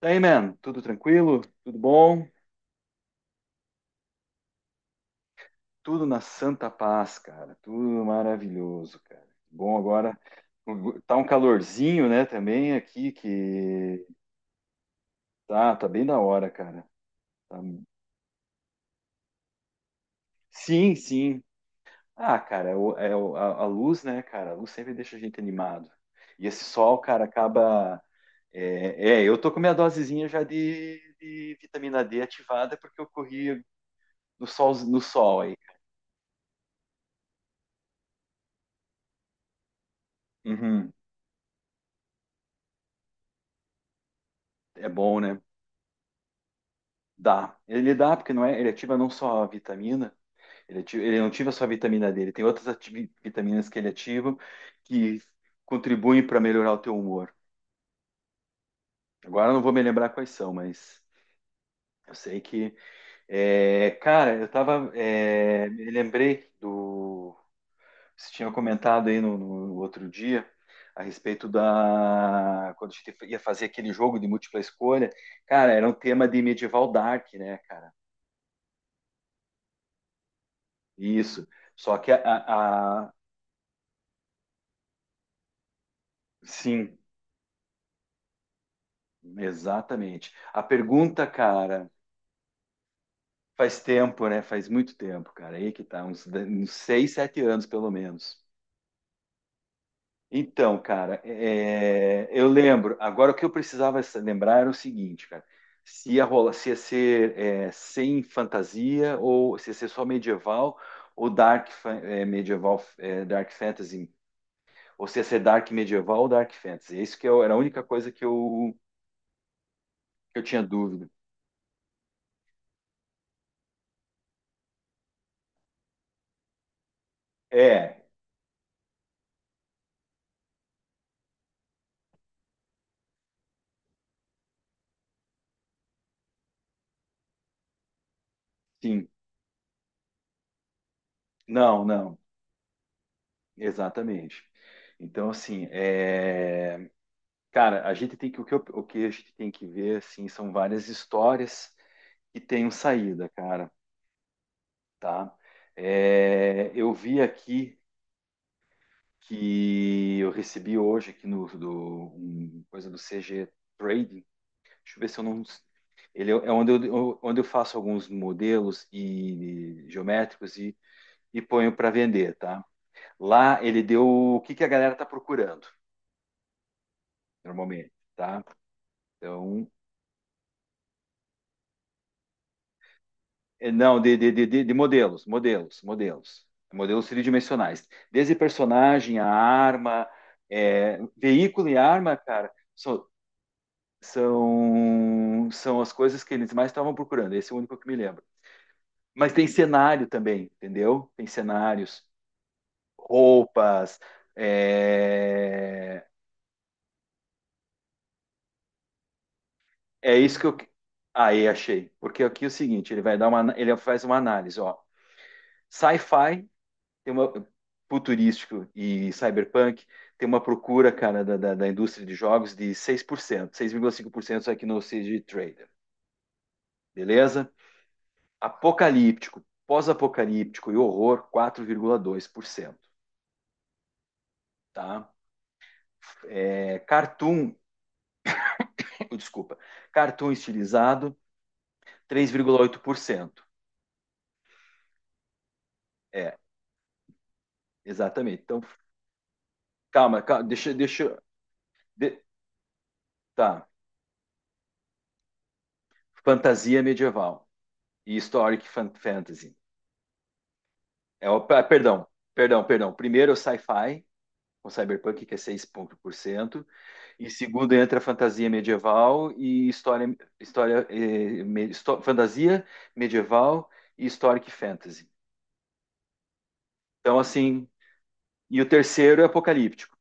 Daí, man, tudo tranquilo? Tudo bom? Tudo na santa paz, cara. Tudo maravilhoso, cara. Bom, agora tá um calorzinho, né, também aqui que tá, bem da hora, cara. Tá- Sim, sim. Ah, cara, a luz, né, cara? A luz sempre deixa a gente animado. E esse sol, cara, acaba. Eu tô com minha dosezinha já de vitamina D ativada porque eu corri no sol, no sol aí. Uhum. É bom, né? Dá. Ele dá porque não é, ele ativa não só a vitamina, ele, ativa- ele não ativa só a vitamina dele, tem outras ati- vitaminas que ele ativa que contribuem para melhorar o teu humor. Agora eu não vou me lembrar quais são, mas eu sei que cara, eu tava me lembrei do você tinha comentado aí no outro dia a respeito da quando a gente ia fazer aquele jogo de múltipla escolha, cara, era um tema de medieval dark, né, cara? Isso. Só que a- Sim, exatamente. A pergunta, cara, faz tempo, né? Faz muito tempo, cara. Aí que tá, uns, de- uns seis, sete anos, pelo menos. Então, cara, eu lembro. Agora, o que eu precisava sa- lembrar era o seguinte, cara. Se ia rolar, se ia ser sem fantasia ou se ia ser só medieval ou dark fa- é, medieval, é, dark fantasy, ou se ia ser dark medieval ou dark fantasy. Isso que eu- era a única coisa que eu tinha dúvida. É, sim. Não, não. Exatamente. Então, assim, cara, a gente tem que o que, eu- o que a gente tem que ver, assim, são várias histórias que tenham saída, cara, tá? É, eu vi aqui que eu recebi hoje aqui no do um, coisa do CG Trading. Deixa eu ver se eu não ele é onde eu faço alguns modelos e geométricos e ponho para vender, tá? Lá ele deu o que que a galera tá procurando normalmente, tá? Então, é, não, de modelos, modelos. Modelos tridimensionais. Desde personagem, a arma, é, veículo e arma, cara, são, são as coisas que eles mais estavam procurando. Esse é o único que me lembro. Mas tem cenário também, entendeu? Tem cenários, roupas. É, é isso que eu. Aí achei. Porque aqui é o seguinte: ele vai dar uma. Ele faz uma análise, ó. Sci-fi tem uma futurístico e cyberpunk, tem uma procura, cara, da indústria de jogos de 6%, 6,5% aqui no CG Trader, beleza? Apocalíptico, pós-apocalíptico e horror, 4,2%, tá? É, cartoon, desculpa, cartoon estilizado, 3,8%. É, exatamente. Então, calma, calma de, tá. Fantasia medieval e historic fantasy. É o, ah, perdão, perdão. Primeiro é o sci-fi, com cyberpunk, que é 6%. E segundo entra a fantasia medieval e história, fantasia medieval e historic fantasy. Então, assim, e o terceiro é apocalíptico.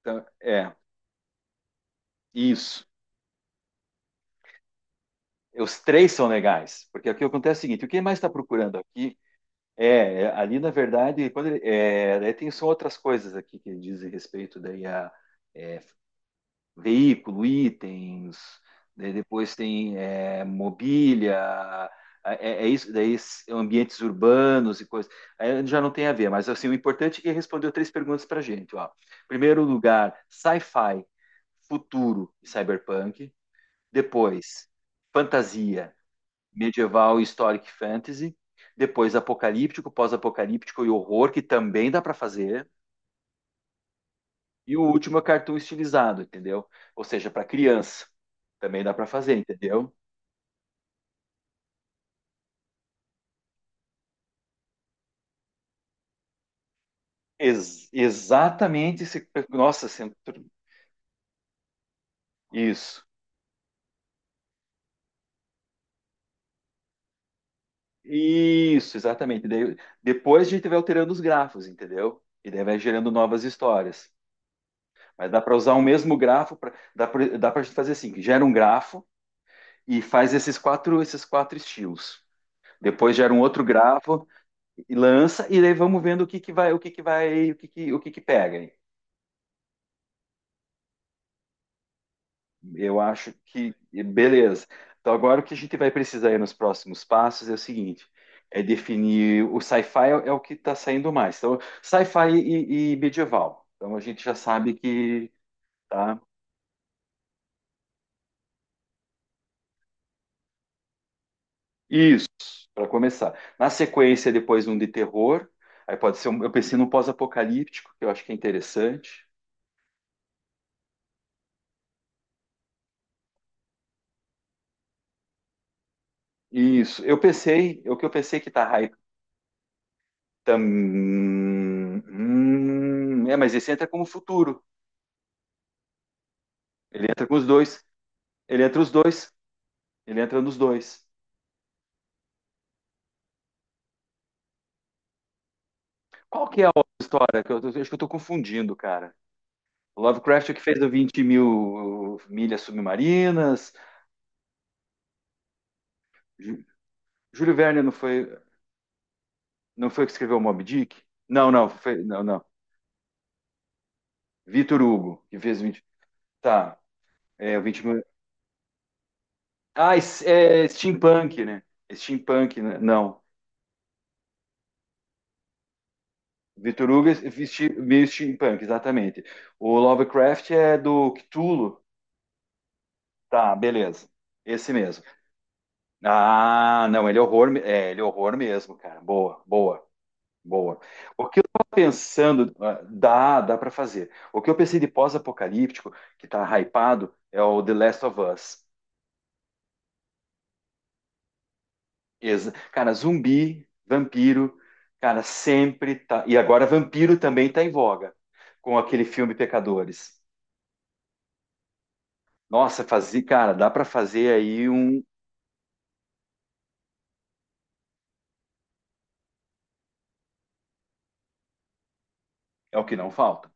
Então, é, isso. Os três são legais, porque o que acontece é o seguinte: o que mais está procurando aqui ali, na verdade, quando ele- é, daí tem são outras coisas aqui que dizem respeito daí a é, veículo, itens, daí depois tem é, mobília, é isso, daí ambientes urbanos e coisas. Aí já não tem a ver, mas assim, o importante é que ele respondeu três perguntas para a gente. Ó. Primeiro lugar, sci-fi, futuro e cyberpunk. Depois, fantasia, medieval e historic fantasy. Depois, apocalíptico, pós-apocalíptico e horror, que também dá para fazer. E o último é cartoon estilizado, entendeu? Ou seja, para criança. Também dá para fazer, entendeu? Ex- exatamente. Esse, nossa, centro- isso. Isso, exatamente. Daí, depois a gente vai alterando os grafos, entendeu? E daí vai gerando novas histórias. Mas dá para usar o mesmo grafo, pra, dá para dá para gente fazer assim, que gera um grafo e faz esses quatro estilos. Depois gera um outro grafo e lança, e daí vamos vendo o que que pega. Eu acho que. Beleza. Então, agora o que a gente vai precisar aí nos próximos passos é o seguinte: é definir. O sci-fi é o que está saindo mais. Então, sci-fi e medieval. Então, a gente já sabe que. Tá? Isso, para começar. Na sequência, depois um de terror. Aí pode ser um, eu pensei num pós-apocalíptico, que eu acho que é interessante. Isso, eu pensei, o que eu pensei que tá hype também é, mas esse entra como futuro. Ele entra com os dois. Ele entra os dois. Ele entra nos dois. Qual que é a outra história? Que eu acho que eu tô confundindo, cara. O Lovecraft é o que fez o 20 mil milhas submarinas. Jú- Júlio Verne não foi, não foi o que escreveu o Moby Dick? Não, não, foi, não, não. Vitor Hugo, que fez 20. Tá, é o 20 mil. Ah, es- é steampunk, né? Steampunk, né? Não. Vitor Hugo é vesti- meio steampunk, exatamente. O Lovecraft é do Cthulhu. Tá, beleza. Esse mesmo. Ah, não, ele é horror, me- é, ele é horror mesmo, cara. Boa, boa. O que eu tava pensando, ah, dá para fazer. O que eu pensei de pós-apocalíptico, que tá hypado, é o The Last of Us. Ex- Cara, zumbi, vampiro, cara, sempre tá. E agora vampiro também tá em voga, com aquele filme Pecadores. Nossa, fazer, cara, dá para fazer aí um. É o que não falta.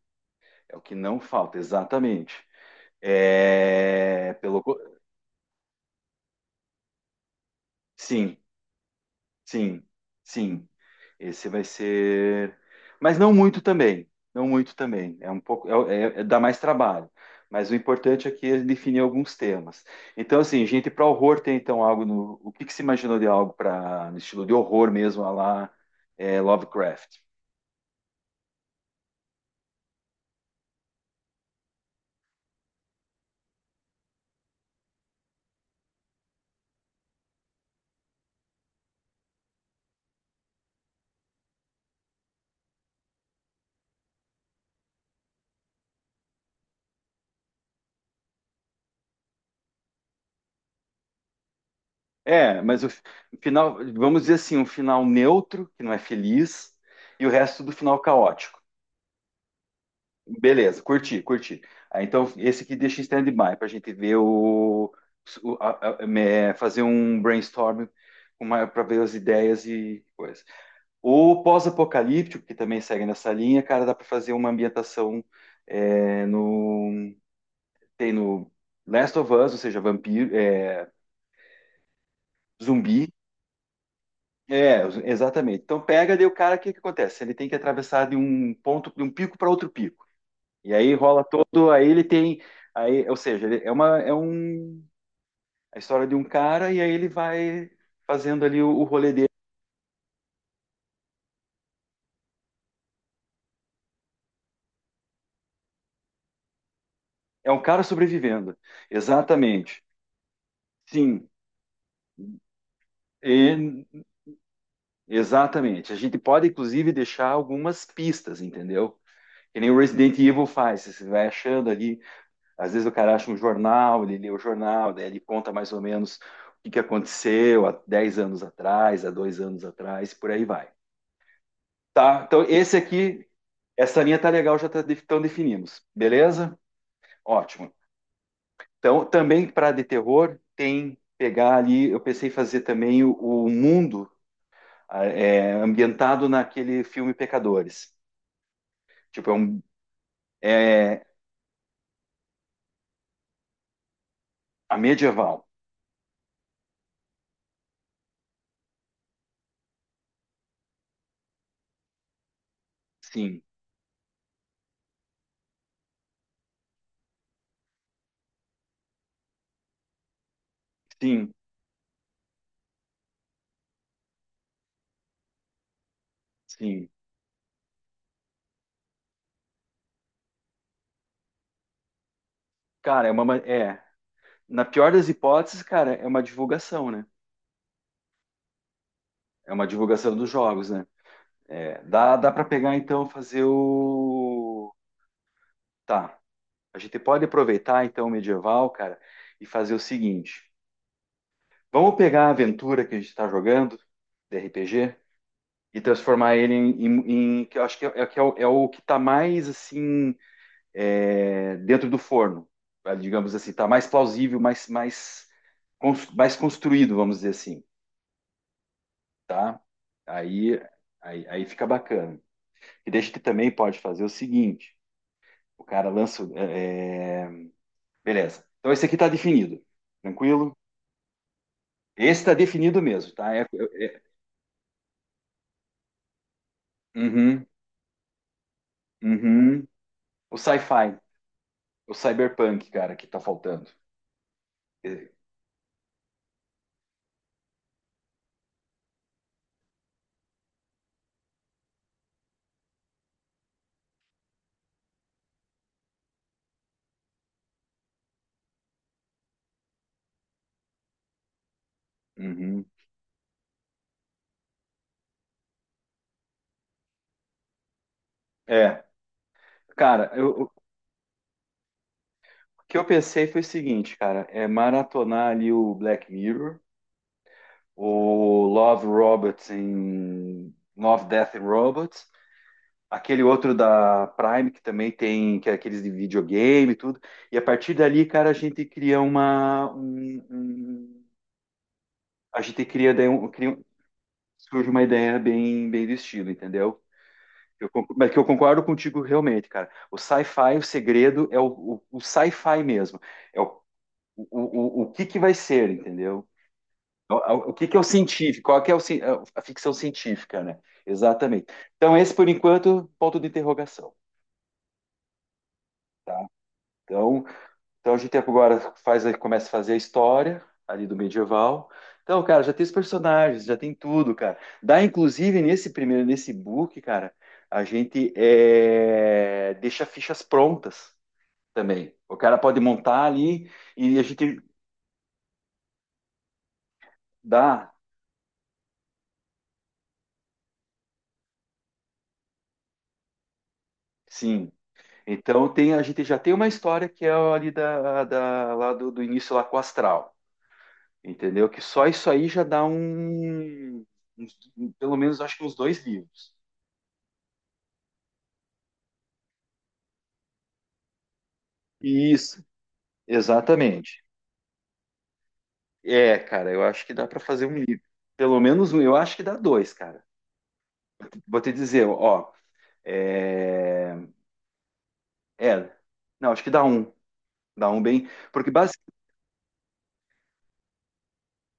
É o que não falta, exatamente. É, pelo, co- sim, Sim, sim. Esse vai ser. Mas não muito também. Não muito também. É um pouco. Dá mais trabalho. Mas o importante aqui é definir alguns temas. Então, assim, gente, para horror tem então algo no. O que que se imaginou de algo para no estilo de horror mesmo, a lá Lovecraft? É, mas o fi- o final, vamos dizer assim, um final neutro, que não é feliz, e o resto do final caótico. Beleza, curti, curti. Ah, então, esse aqui deixa em stand-by para a gente ver é, fazer um brainstorm para ver as ideias e coisa. O pós-apocalíptico, que também segue nessa linha, cara, dá para fazer uma ambientação é, no, tem no Last of Us, ou seja, vampiro, é, zumbi. É, exatamente. Então pega daí o cara, o que que acontece? Ele tem que atravessar de um ponto, de um pico para outro pico. E aí rola todo, aí ele tem, aí, ou seja, ele- é uma, é um, a história de um cara e aí ele vai fazendo ali o rolê dele. É um cara sobrevivendo. Exatamente. Sim. E- exatamente. A gente pode, inclusive, deixar algumas pistas, entendeu? Que nem o Resident Evil faz. Você vai achando ali, às vezes o cara acha um jornal, ele lê o jornal, daí ele conta mais ou menos o que que aconteceu há 10 anos atrás, há 2 anos atrás, por aí vai. Tá, então esse aqui, essa linha tá legal, já tá, de- então definimos, beleza? Ótimo. Então, também para de terror, tem pegar ali, eu pensei em fazer também o mundo ah, é, ambientado naquele filme Pecadores. Tipo, é, um, é a medieval. Sim, sim, sim. Cara, é uma, ma- é, na pior das hipóteses, cara, é uma divulgação, né? É uma divulgação dos jogos, né? É, dá para pegar então fazer o Tá. A gente pode aproveitar então o medieval, cara, e fazer o seguinte: vamos pegar a aventura que a gente está jogando, de RPG, e transformar ele em, em- em- que eu acho que é, é o, é o que está mais assim é, dentro do forno, tá? Digamos assim, está mais plausível, mais mais construído, vamos dizer assim, tá? Aí aí fica bacana. E daí a gente também pode fazer o seguinte: o cara lança, beleza? Então esse aqui está definido, tranquilo? Esse está definido mesmo, tá? Uhum, uhum. O sci-fi, o cyberpunk, cara, que tá faltando. É, uhum. É, cara, eu- o que eu pensei foi o seguinte, cara, é maratonar ali o Black Mirror, o Love Robots em Love, Death and Robots, aquele outro da Prime que também tem que é aqueles de videogame e tudo. E a partir dali, cara, a gente cria uma um- um- a gente cria daí um, cria surge uma ideia bem, bem do estilo, entendeu? Eu, conc- mas que eu concordo contigo realmente, cara. O sci-fi, o segredo é o sci-fi mesmo. É o, o, o que que vai ser, entendeu? É O, é o que que é o científico? Qual que é o, ci- a ficção científica, né? Exatamente. Então, esse, por enquanto, ponto de interrogação, tá? Então, Então a gente agora faz, começa a fazer a história ali do medieval. Então, cara, já tem os personagens, já tem tudo, cara. Dá, inclusive, nesse primeiro, nesse book, cara, a gente deixa fichas prontas também. O cara pode montar ali e a gente dá, sim. Então tem, a gente já tem uma história que é ali lá do início lá com o Astral, entendeu? Que só isso aí já dá uns- pelo menos acho que uns dois livros. Isso. Exatamente. É, cara, eu acho que dá para fazer um livro. Pelo menos um, eu acho que dá dois, cara. Vou te dizer, ó, é, é, não, acho que dá um bem, porque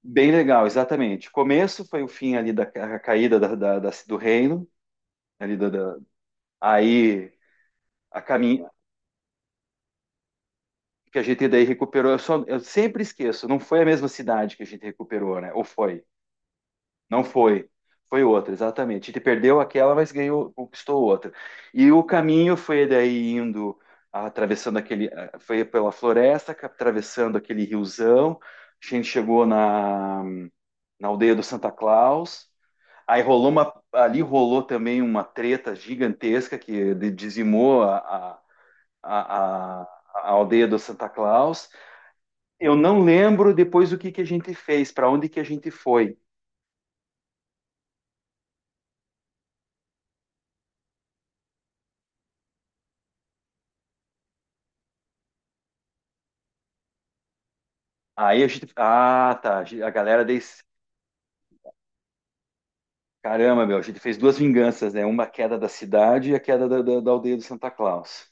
bem legal, exatamente. Começo foi o fim ali da a caída do reino, ali aí a caminho que a gente daí recuperou. Eu sempre esqueço, não foi a mesma cidade que a gente recuperou, né? Ou foi? Não foi. Foi outra, exatamente. Ele perdeu aquela, mas ganhou, conquistou outra. E o caminho foi daí indo, atravessando foi pela floresta, atravessando aquele riozão. A gente chegou na aldeia do Santa Claus. Aí rolou ali rolou também uma treta gigantesca que dizimou a aldeia do Santa Claus. Eu não lembro depois o que que a gente fez, para onde que a gente foi. Aí a gente. Ah, tá. A galera desse. Caramba, meu, a gente fez duas vinganças, né? Uma queda da cidade e a queda da aldeia do Santa Claus.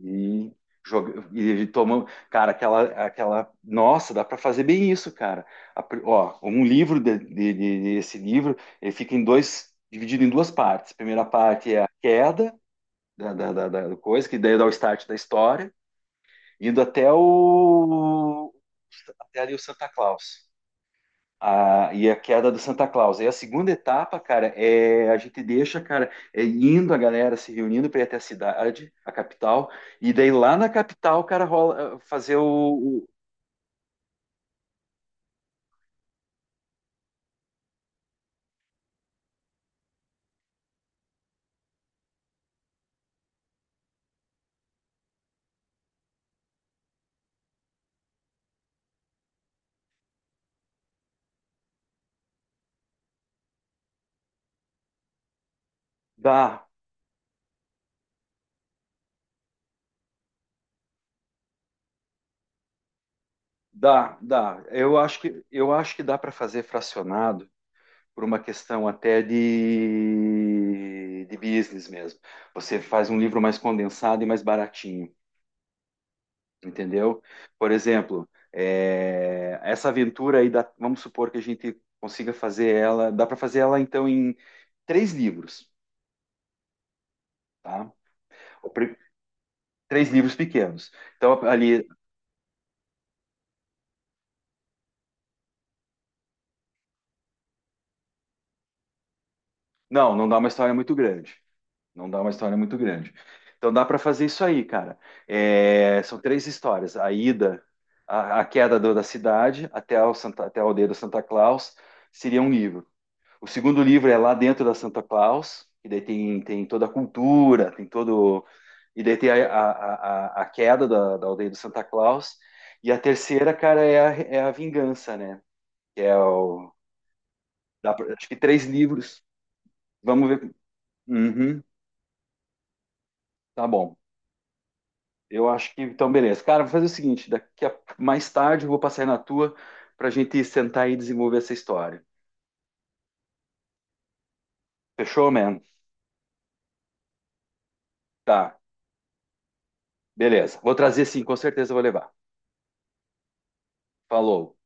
E, e a gente tomou. Cara, aquela, aquela. Nossa, dá para fazer bem isso, cara. Ó, um livro esse livro, ele fica em dois, dividido em duas partes. A primeira parte é a queda da coisa, que daí dá o start da história, indo até o, até ali o Santa Claus. E a queda do Santa Claus. E a segunda etapa, cara, é a gente deixa, cara, é indo a galera se reunindo para ir até a cidade, a capital, e daí lá na capital, cara, rola fazer o- dá, dá. Eu acho que dá para fazer fracionado por uma questão até de business mesmo. Você faz um livro mais condensado e mais baratinho, entendeu? Por exemplo, essa aventura aí, vamos supor que a gente consiga fazer ela, dá para fazer ela então em três livros, tá? O pri- três livros pequenos. Então ali, não, não dá uma história muito grande, não dá uma história muito grande. Então dá para fazer isso aí, cara. É, são três histórias: a ida, a queda da cidade até a aldeia do Santa Claus seria um livro. O segundo livro é lá dentro da Santa Claus, e daí tem, toda a cultura, tem todo. E daí tem a queda da aldeia do Santa Claus. E a terceira, cara, a Vingança, né? Que é o. dá pra- acho que três livros. Vamos ver. Uhum, tá bom. Eu acho que. Então, beleza. Cara, vou fazer o seguinte: daqui a mais tarde eu vou passar aí na tua pra gente sentar e desenvolver essa história. Fechou, man? Tá, beleza. Vou trazer sim, com certeza eu vou levar. Falou.